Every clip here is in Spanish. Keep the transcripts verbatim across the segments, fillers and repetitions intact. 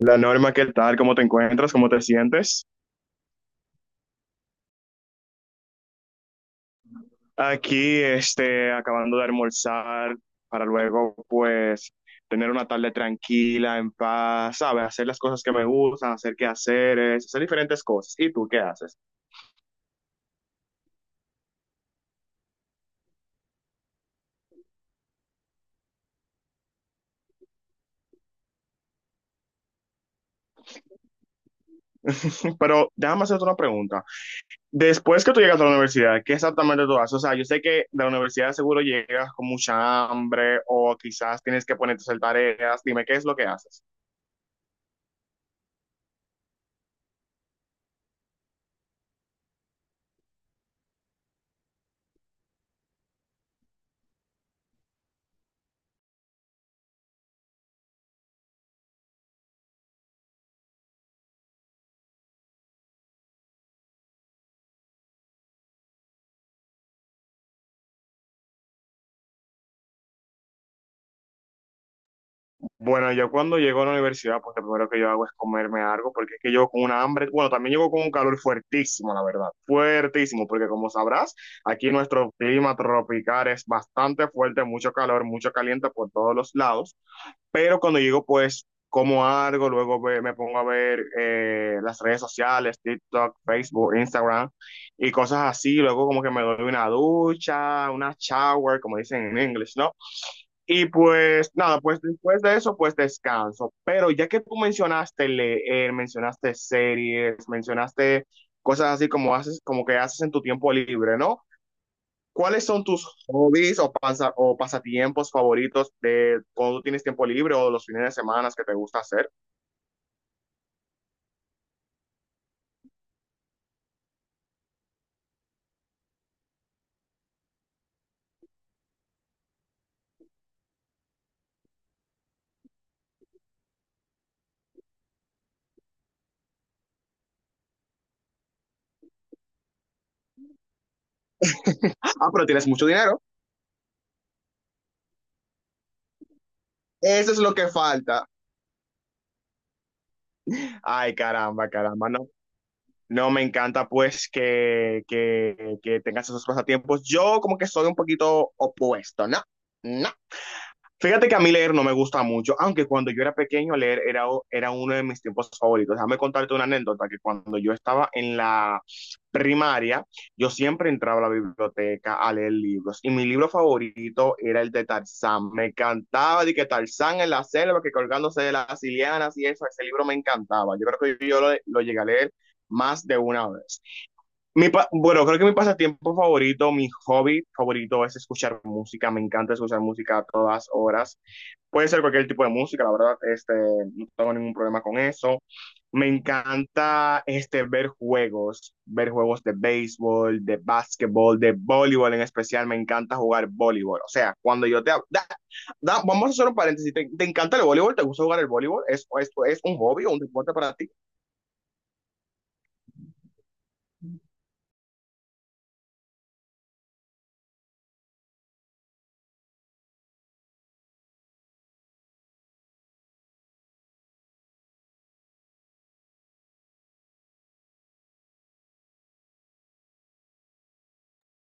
La Norma, ¿qué tal? ¿Cómo te encuentras? ¿Cómo te sientes? Aquí, este, acabando de almorzar para luego, pues, tener una tarde tranquila, en paz, ¿sabes? Hacer las cosas que me gustan, hacer quehaceres, hacer diferentes cosas. ¿Y tú qué haces? Pero déjame hacerte una pregunta. Después que tú llegas a la universidad, ¿qué exactamente tú haces? O sea, yo sé que de la universidad seguro llegas con mucha hambre o quizás tienes que ponerte a hacer tareas. Dime, ¿qué es lo que haces? Bueno, yo cuando llego a la universidad, pues lo primero que yo hago es comerme algo, porque es que llego con una hambre, bueno, también llego con un calor fuertísimo, la verdad, fuertísimo, porque como sabrás, aquí nuestro clima tropical es bastante fuerte, mucho calor, mucho caliente por todos los lados, pero cuando llego, pues como algo, luego ve- me pongo a ver eh, las redes sociales, TikTok, Facebook, Instagram y cosas así, luego como que me doy una ducha, una shower, como dicen en inglés, ¿no? Y pues nada, pues después de eso, pues descanso. Pero ya que tú mencionaste leer, mencionaste series, mencionaste cosas así como haces, como que haces en tu tiempo libre, ¿no? ¿Cuáles son tus hobbies o, pasa- o pasatiempos favoritos de cuando tú tienes tiempo libre o los fines de semana que te gusta hacer? Ah, pero tienes mucho dinero. Eso es lo que falta. Ay, caramba, caramba. No, No, me encanta pues que, que, que tengas esos pasatiempos. Yo como que soy un poquito opuesto, ¿no? No. Fíjate que a mí leer no me gusta mucho, aunque cuando yo era pequeño leer era, o- era uno de mis tiempos favoritos. Déjame contarte una anécdota que cuando yo estaba en la primaria, yo siempre entraba a la biblioteca a leer libros y mi libro favorito era el de Tarzán. Me encantaba de que Tarzán en la selva, que colgándose de las lianas y eso, ese libro me encantaba. Yo creo que yo lo, lo llegué a leer más de una vez. Mi pa- bueno, creo que mi pasatiempo favorito, mi hobby favorito es escuchar música. Me encanta escuchar música a todas horas. Puede ser cualquier tipo de música, la verdad, este, no tengo ningún problema con eso. Me encanta este, ver juegos, ver juegos de béisbol, de básquetbol, de voleibol en especial. Me encanta jugar voleibol. O sea, cuando yo te... hab- Da- da- vamos a hacer un paréntesis. ¿Te, te encanta el voleibol? ¿Te gusta jugar el voleibol? ¿Es, es, es un hobby o un deporte para ti?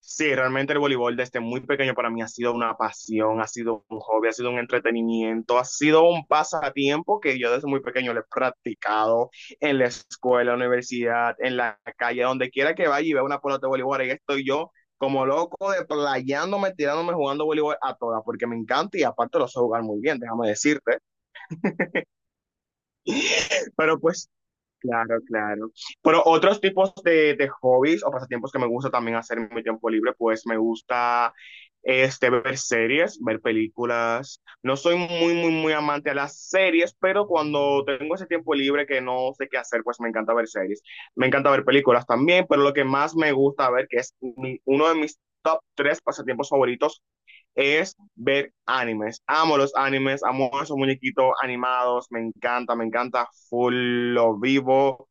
Sí, realmente el voleibol desde muy pequeño para mí ha sido una pasión, ha sido un hobby, ha sido un entretenimiento, ha sido un pasatiempo que yo desde muy pequeño lo he practicado en la escuela, en la universidad, en la calle, donde quiera que vaya y vea una pelota de voleibol, ahí estoy yo como loco, de playándome, tirándome, jugando voleibol a todas, porque me encanta y aparte lo sé jugar muy bien, déjame decirte. Pero pues. Claro, claro. Pero otros tipos de, de hobbies o pasatiempos que me gusta también hacer en mi tiempo libre, pues me gusta este, ver series, ver películas. No soy muy, muy, muy amante a las series, pero cuando tengo ese tiempo libre que no sé qué hacer, pues me encanta ver series. Me encanta ver películas también, pero lo que más me gusta ver, que es mi- uno de mis top tres pasatiempos favoritos, es ver animes. Amo los animes, amo esos muñequitos animados, me encanta, me encanta full, lo vivo,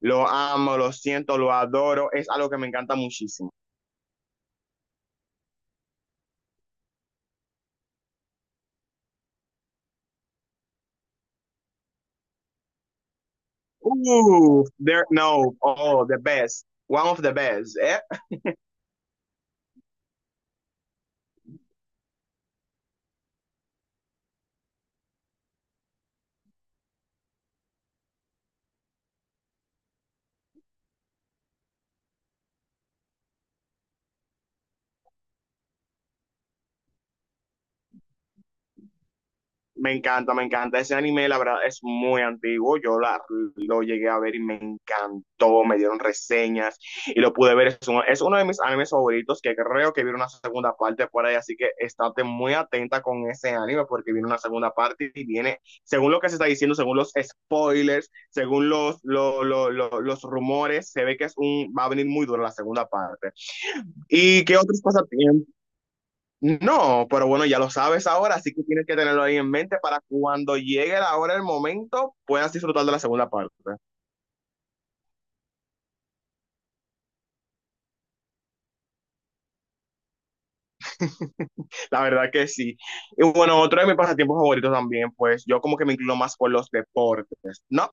lo amo, lo siento, lo adoro, es algo que me encanta muchísimo. Uh, there, no, oh, the best, one of the best. Eh, Me encanta, me encanta. Ese anime, la verdad, es muy antiguo. Yo la- lo llegué a ver y me encantó. Me dieron reseñas y lo pude ver. Es uno, es uno de mis animes favoritos que creo que viene una segunda parte por ahí. Así que estate muy atenta con ese anime porque viene una segunda parte y viene, según lo que se está diciendo, según los, spoilers, según los, lo- lo- lo- los rumores, se ve que es un, va a venir muy duro la segunda parte. ¿Y qué otros pasatiempos? No, pero bueno, ya lo sabes ahora, así que tienes que tenerlo ahí en mente para cuando llegue la hora, el momento, puedas disfrutar de la segunda parte. La verdad que sí. Y bueno, otro de mis pasatiempos favoritos también, pues yo como que me inclino más por los deportes, ¿no?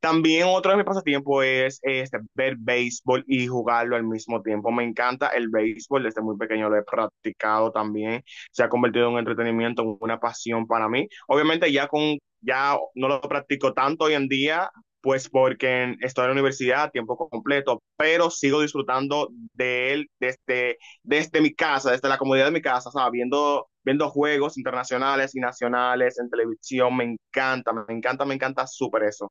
También otro de mis pasatiempos es este, ver béisbol y jugarlo al mismo tiempo. Me encanta el béisbol, desde muy pequeño lo he practicado también. Se ha convertido en un entretenimiento, en una pasión para mí. Obviamente ya con ya no lo practico tanto hoy en día, pues porque estoy en la universidad a tiempo completo, pero sigo disfrutando de él desde, desde mi casa, desde la comodidad de mi casa, ¿sabes? Viendo, viendo juegos internacionales y nacionales en televisión, me encanta, me encanta, me encanta súper eso.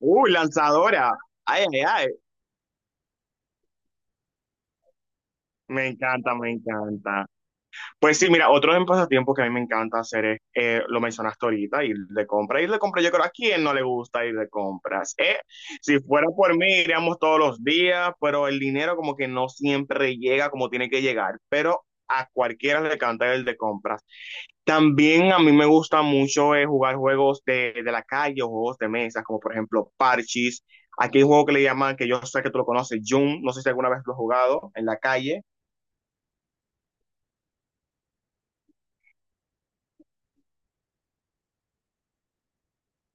Uy, lanzadora. Ay, ay, ay. Me encanta, me encanta. Pues sí, mira, otro de mis pasatiempos que a mí me encanta hacer es, eh, lo mencionaste ahorita, ir de compra. Ir de compra, yo creo, ¿a quién no le gusta ir de compras? Eh, si fuera por mí, iríamos todos los días, pero el dinero como que no siempre llega como tiene que llegar, pero a cualquiera le encanta ir de compras. También a mí me gusta mucho eh, jugar juegos de, de la calle o juegos de mesa, como por ejemplo Parchis. Aquí hay un juego que le llaman, que yo sé que tú lo conoces, Jum. No sé si alguna vez lo has jugado en la calle.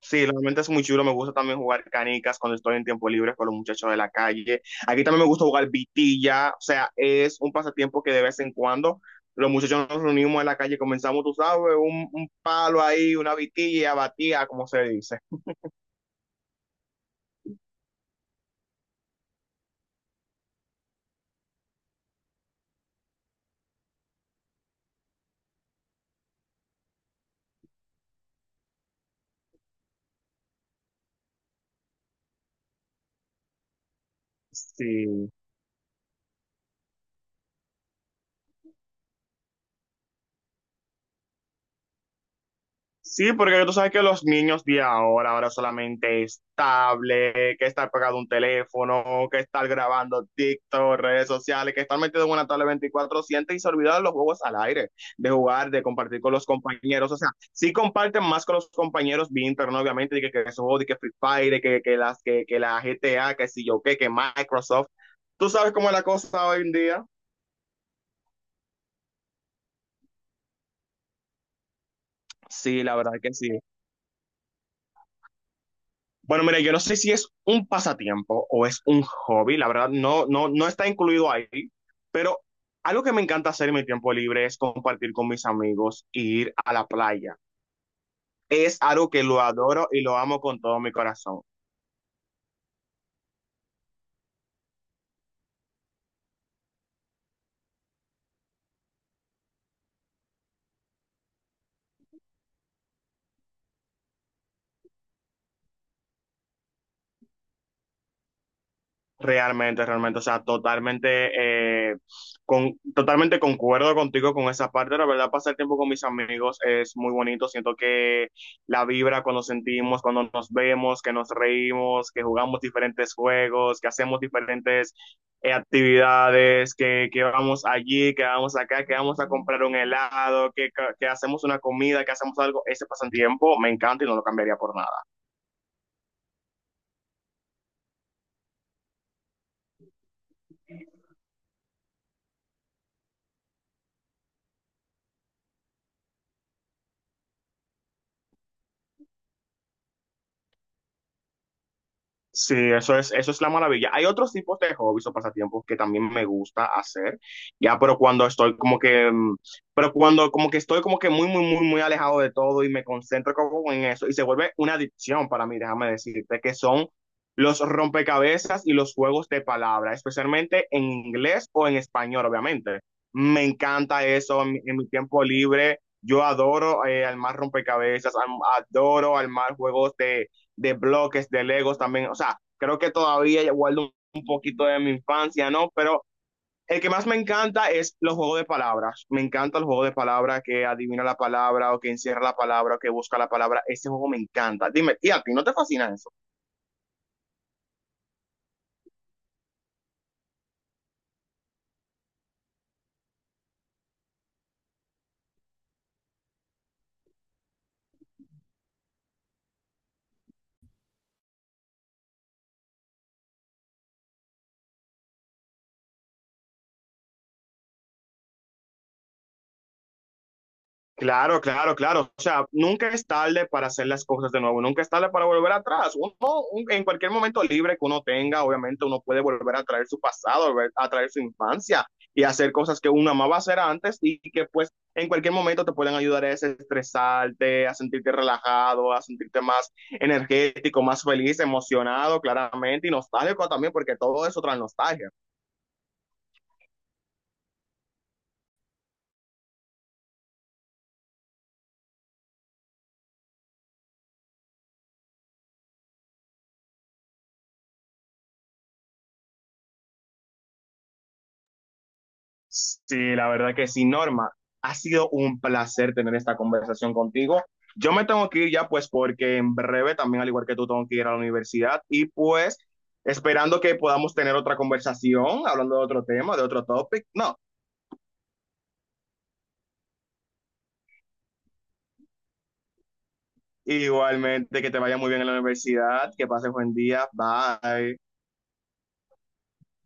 Sí, realmente es muy chulo. Me gusta también jugar canicas cuando estoy en tiempo libre con los muchachos de la calle. Aquí también me gusta jugar vitilla. O sea, es un pasatiempo que de vez en cuando los muchachos nos reunimos en la calle, comenzamos, tú sabes, un, un palo ahí, una vitilla, batía, como se dice. Sí. Sí, porque tú sabes que los niños de ahora, ahora solamente es tablet, que estar pegado a un teléfono, que estar grabando TikTok, redes sociales, que estar metido en una tablet veinticuatro siete y se olvidaron de los juegos al aire, de jugar, de compartir con los compañeros. O sea, sí comparten más con los compañeros vía internet, obviamente, de que, que esos juegos, de que, Free Fire, de que, que, las, que, que la G T A, que si yo qué, que Microsoft. ¿Tú sabes cómo es la cosa hoy en día? Sí, la verdad que sí. Bueno, mira, yo no sé si es un pasatiempo o es un hobby, la verdad, no, no, no está incluido ahí, pero algo que me encanta hacer en mi tiempo libre es compartir con mis amigos y ir a la playa. Es algo que lo adoro y lo amo con todo mi corazón. Realmente, realmente, o sea, totalmente, eh, con, totalmente concuerdo contigo con esa parte. La verdad, pasar tiempo con mis amigos es muy bonito. Siento que la vibra cuando sentimos, cuando nos vemos, que nos reímos, que jugamos diferentes juegos, que hacemos diferentes eh, actividades, que, que vamos allí, que vamos acá, que vamos a comprar un helado, que, que hacemos una comida, que hacemos algo, ese pasatiempo me encanta y no lo cambiaría por nada. Sí, eso es, eso es la maravilla. Hay otros tipos de hobbies o pasatiempos que también me gusta hacer, ya, pero cuando estoy como que, mm, pero cuando como que estoy como que muy, muy, muy, muy alejado de todo y me concentro como en eso y se vuelve una adicción para mí, déjame decirte, que son los rompecabezas y los juegos de palabras, especialmente en inglés o en español, obviamente. Me encanta eso en mi, en mi tiempo libre. Yo adoro eh, armar rompecabezas, am- adoro armar juegos de de bloques, de Legos también. O sea, creo que todavía guardo un poquito de mi infancia, ¿no? Pero el que más me encanta es los juegos de palabras. Me encanta el juego de palabras que adivina la palabra o que encierra la palabra o que busca la palabra. Ese juego me encanta. Dime, ¿y a ti no te fascina eso? Claro, claro, claro. O sea, nunca es tarde para hacer las cosas de nuevo, nunca es tarde para volver atrás. Uno, un- en cualquier momento libre que uno tenga, obviamente uno puede volver a traer su pasado, volver a traer su infancia y hacer cosas que uno amaba hacer antes y que pues en cualquier momento te pueden ayudar a desestresarte, a sentirte relajado, a sentirte más energético, más feliz, emocionado, claramente, y nostálgico también, porque todo eso trae nostalgia. Sí, la verdad que sí, Norma. Ha sido un placer tener esta conversación contigo. Yo me tengo que ir ya, pues, porque en breve también, al igual que tú, tengo que ir a la universidad y pues esperando que podamos tener otra conversación, hablando de otro tema, de otro topic. No, igualmente que te vaya muy bien en la universidad, que pases buen día. Bye.